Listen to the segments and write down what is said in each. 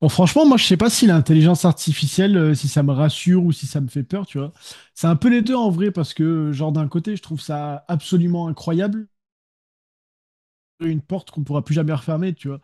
Bon, franchement, moi, je sais pas si l'intelligence artificielle, si ça me rassure ou si ça me fait peur, tu vois. C'est un peu les deux en vrai, parce que, genre, d'un côté, je trouve ça absolument incroyable, une porte qu'on ne pourra plus jamais refermer, tu vois.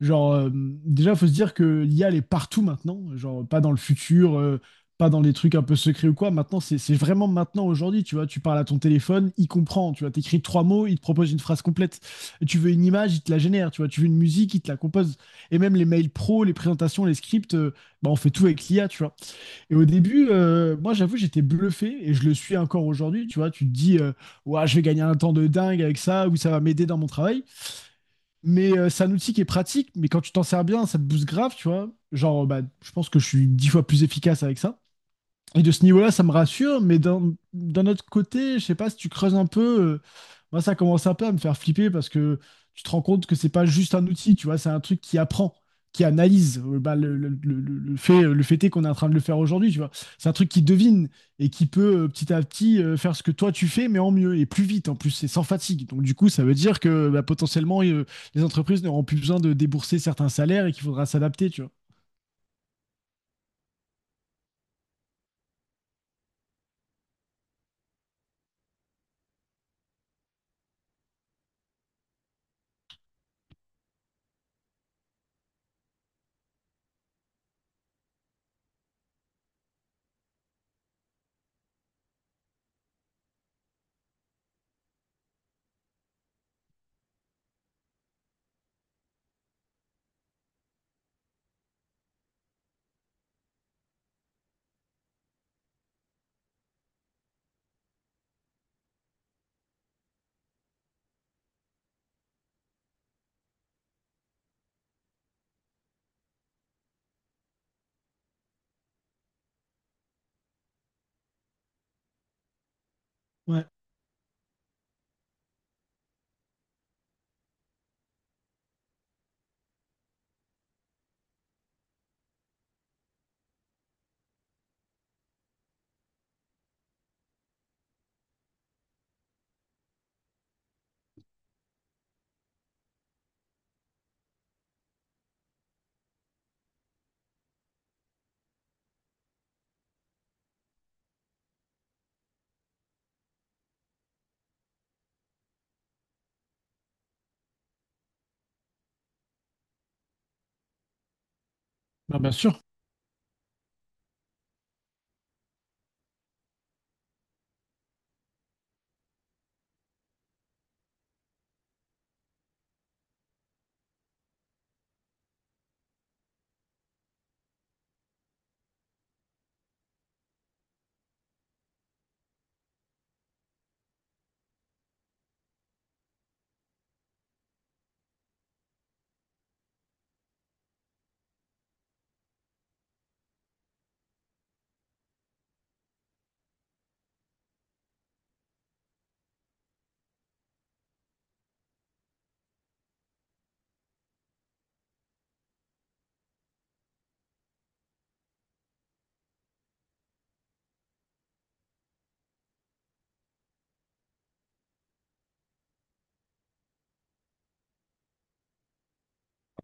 Genre, déjà, faut se dire que l'IA, elle est partout maintenant. Genre, pas dans le futur, pas dans les trucs un peu secrets ou quoi. Maintenant, c'est vraiment maintenant, aujourd'hui. Tu vois, tu parles à ton téléphone, il comprend. Tu vois, t'écris trois mots, il te propose une phrase complète. Tu veux une image, il te la génère. Tu vois, tu veux une musique, il te la compose. Et même les mails pro, les présentations, les scripts, on fait tout avec l'IA, tu vois. Et au début, moi, j'avoue, j'étais bluffé et je le suis encore aujourd'hui. Tu vois, tu te dis, ouah, je vais gagner un temps de dingue avec ça, ou ça va m'aider dans mon travail. Mais c'est un outil qui est pratique, mais quand tu t'en sers bien, ça te booste grave, tu vois. Genre, bah, je pense que je suis 10 fois plus efficace avec ça. Et de ce niveau-là, ça me rassure, mais d'un autre côté, je sais pas, si tu creuses un peu, moi ça commence un peu à me faire flipper parce que tu te rends compte que c'est pas juste un outil, tu vois, c'est un truc qui apprend, qui analyse le fait est qu'on est en train de le faire aujourd'hui, tu vois. C'est un truc qui devine et qui peut petit à petit faire ce que toi tu fais, mais en mieux et plus vite en plus, c'est sans fatigue. Donc du coup, ça veut dire que bah, potentiellement, les entreprises n'auront plus besoin de débourser certains salaires et qu'il faudra s'adapter, tu vois. Ouais, bah bien sûr.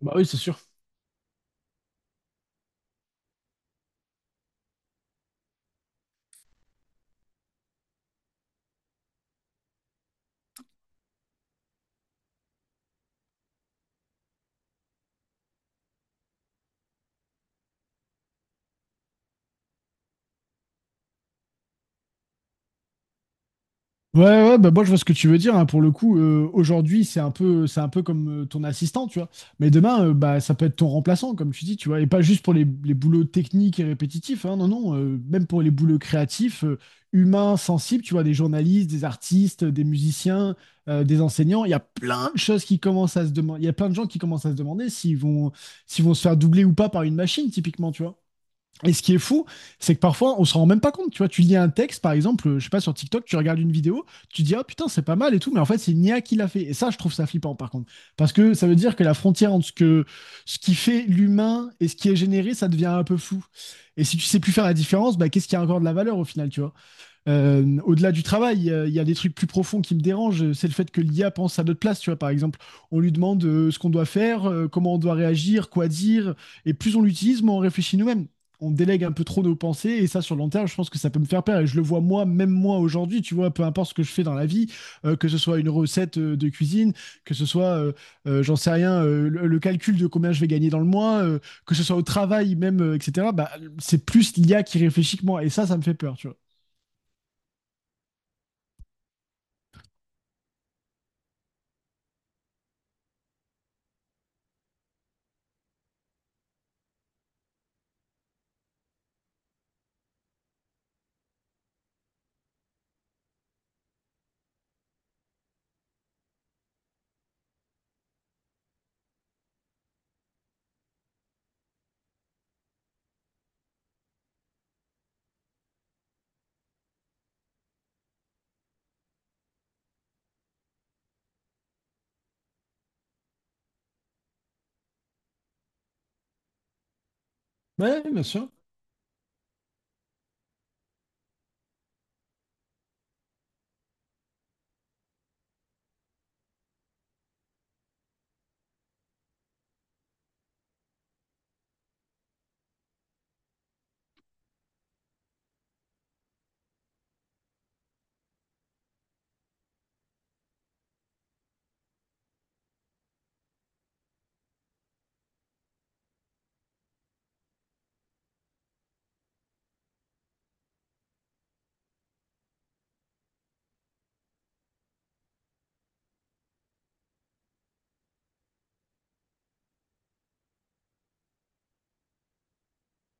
Bah oui, c'est sûr. Ouais, ouais, bah moi je vois ce que tu veux dire, hein. Pour le coup, aujourd'hui, c'est un peu comme ton assistant, tu vois. Mais demain, bah, ça peut être ton remplaçant, comme tu dis, tu vois. Et pas juste pour les boulots techniques et répétitifs, hein, non, non. Même pour les boulots créatifs, humains, sensibles, tu vois, des journalistes, des artistes, des musiciens, des enseignants. Il y a plein de choses qui commencent à se demander. Il y a plein de gens qui commencent à se demander s'ils vont se faire doubler ou pas par une machine, typiquement, tu vois. Et ce qui est fou, c'est que parfois, on se rend même pas compte. Tu vois, tu lis un texte, par exemple, je sais pas, sur TikTok, tu regardes une vidéo, tu dis, ah putain, c'est pas mal et tout, mais en fait, c'est Nia qui l'a fait. Et ça, je trouve ça flippant, par contre. Parce que ça veut dire que la frontière entre ce qui fait l'humain et ce qui est généré, ça devient un peu flou. Et si tu sais plus faire la différence, bah, qu'est-ce qui a encore de la valeur au final, tu vois. Au-delà du travail, il y a des trucs plus profonds qui me dérangent. C'est le fait que l'IA pense à notre place, tu vois, par exemple. On lui demande ce qu'on doit faire, comment on doit réagir, quoi dire. Et plus on l'utilise, moins on réfléchit nous-mêmes. On délègue un peu trop nos pensées. Et ça, sur le long terme, je pense que ça peut me faire peur. Et je le vois moi, même moi aujourd'hui, tu vois, peu importe ce que je fais dans la vie, que ce soit une recette de cuisine, que ce soit, j'en sais rien, le calcul de combien je vais gagner dans le mois, que ce soit au travail même, etc. Bah, c'est plus l'IA qui réfléchit que moi. Et ça me fait peur, tu… Ouais, bien sûr.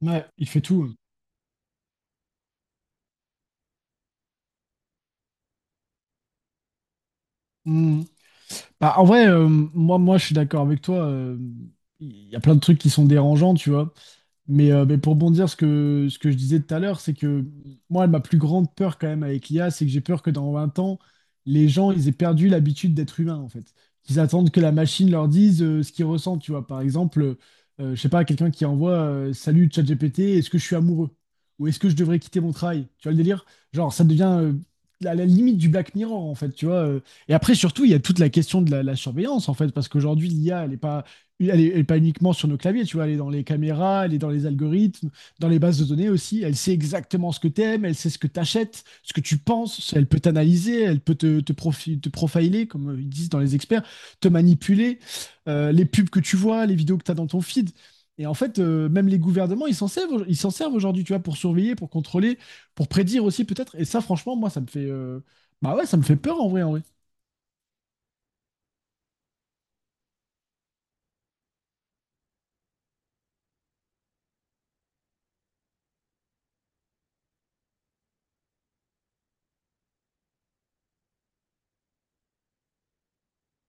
Ouais, il fait tout. Mm. Bah, en vrai, moi, je suis d'accord avec toi. Il y a plein de trucs qui sont dérangeants, tu vois. Mais pour bondir ce que je disais tout à l'heure, c'est que moi, ma plus grande peur quand même avec l'IA, c'est que j'ai peur que dans 20 ans, les gens, ils aient perdu l'habitude d'être humains, en fait. Qu'ils attendent que la machine leur dise ce qu'ils ressentent, tu vois. Par exemple, je sais pas, quelqu'un qui envoie salut ChatGPT, est-ce que je suis amoureux? Ou est-ce que je devrais quitter mon travail? Tu vois le délire? Genre, ça devient à la limite du Black Mirror, en fait, tu vois. Et après, surtout, il y a toute la question de la surveillance, en fait, parce qu'aujourd'hui, l'IA, elle n'est pas elle est, elle est pas uniquement sur nos claviers, tu vois, elle est dans les caméras, elle est dans les algorithmes, dans les bases de données aussi. Elle sait exactement ce que tu aimes, elle sait ce que tu achètes, ce que tu penses, elle peut t'analyser, elle peut te profiler, comme ils disent dans les experts, te manipuler, les pubs que tu vois, les vidéos que tu as dans ton feed. Et en fait, même les gouvernements, ils s'en servent aujourd'hui, tu vois, pour surveiller, pour contrôler, pour prédire aussi peut-être. Et ça, franchement, moi, ça me fait, bah ouais, ça me fait peur en vrai, en vrai.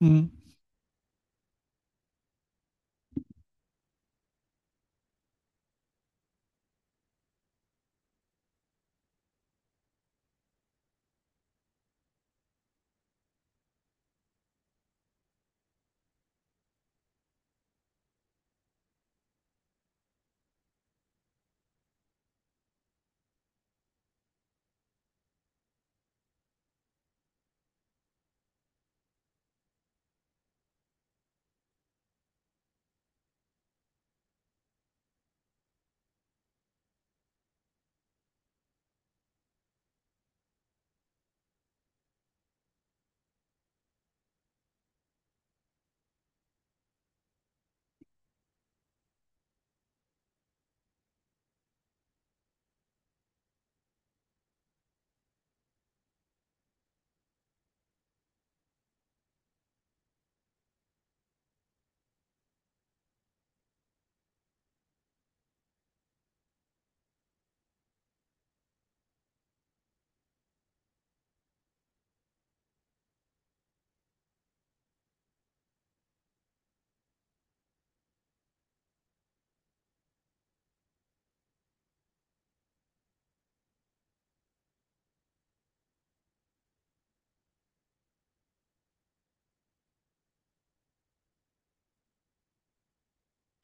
Mhm.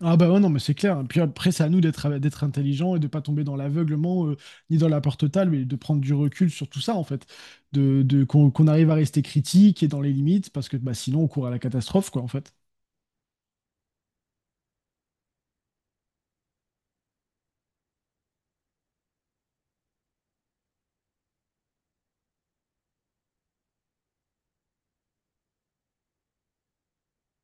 Ah bah ouais, non, mais c'est clair. Puis après, c'est à nous d'être intelligents et de pas tomber dans l'aveuglement ni dans la peur totale, mais de prendre du recul sur tout ça, en fait. Qu'on qu'on arrive à rester critique et dans les limites, parce que bah, sinon, on court à la catastrophe, quoi, en fait.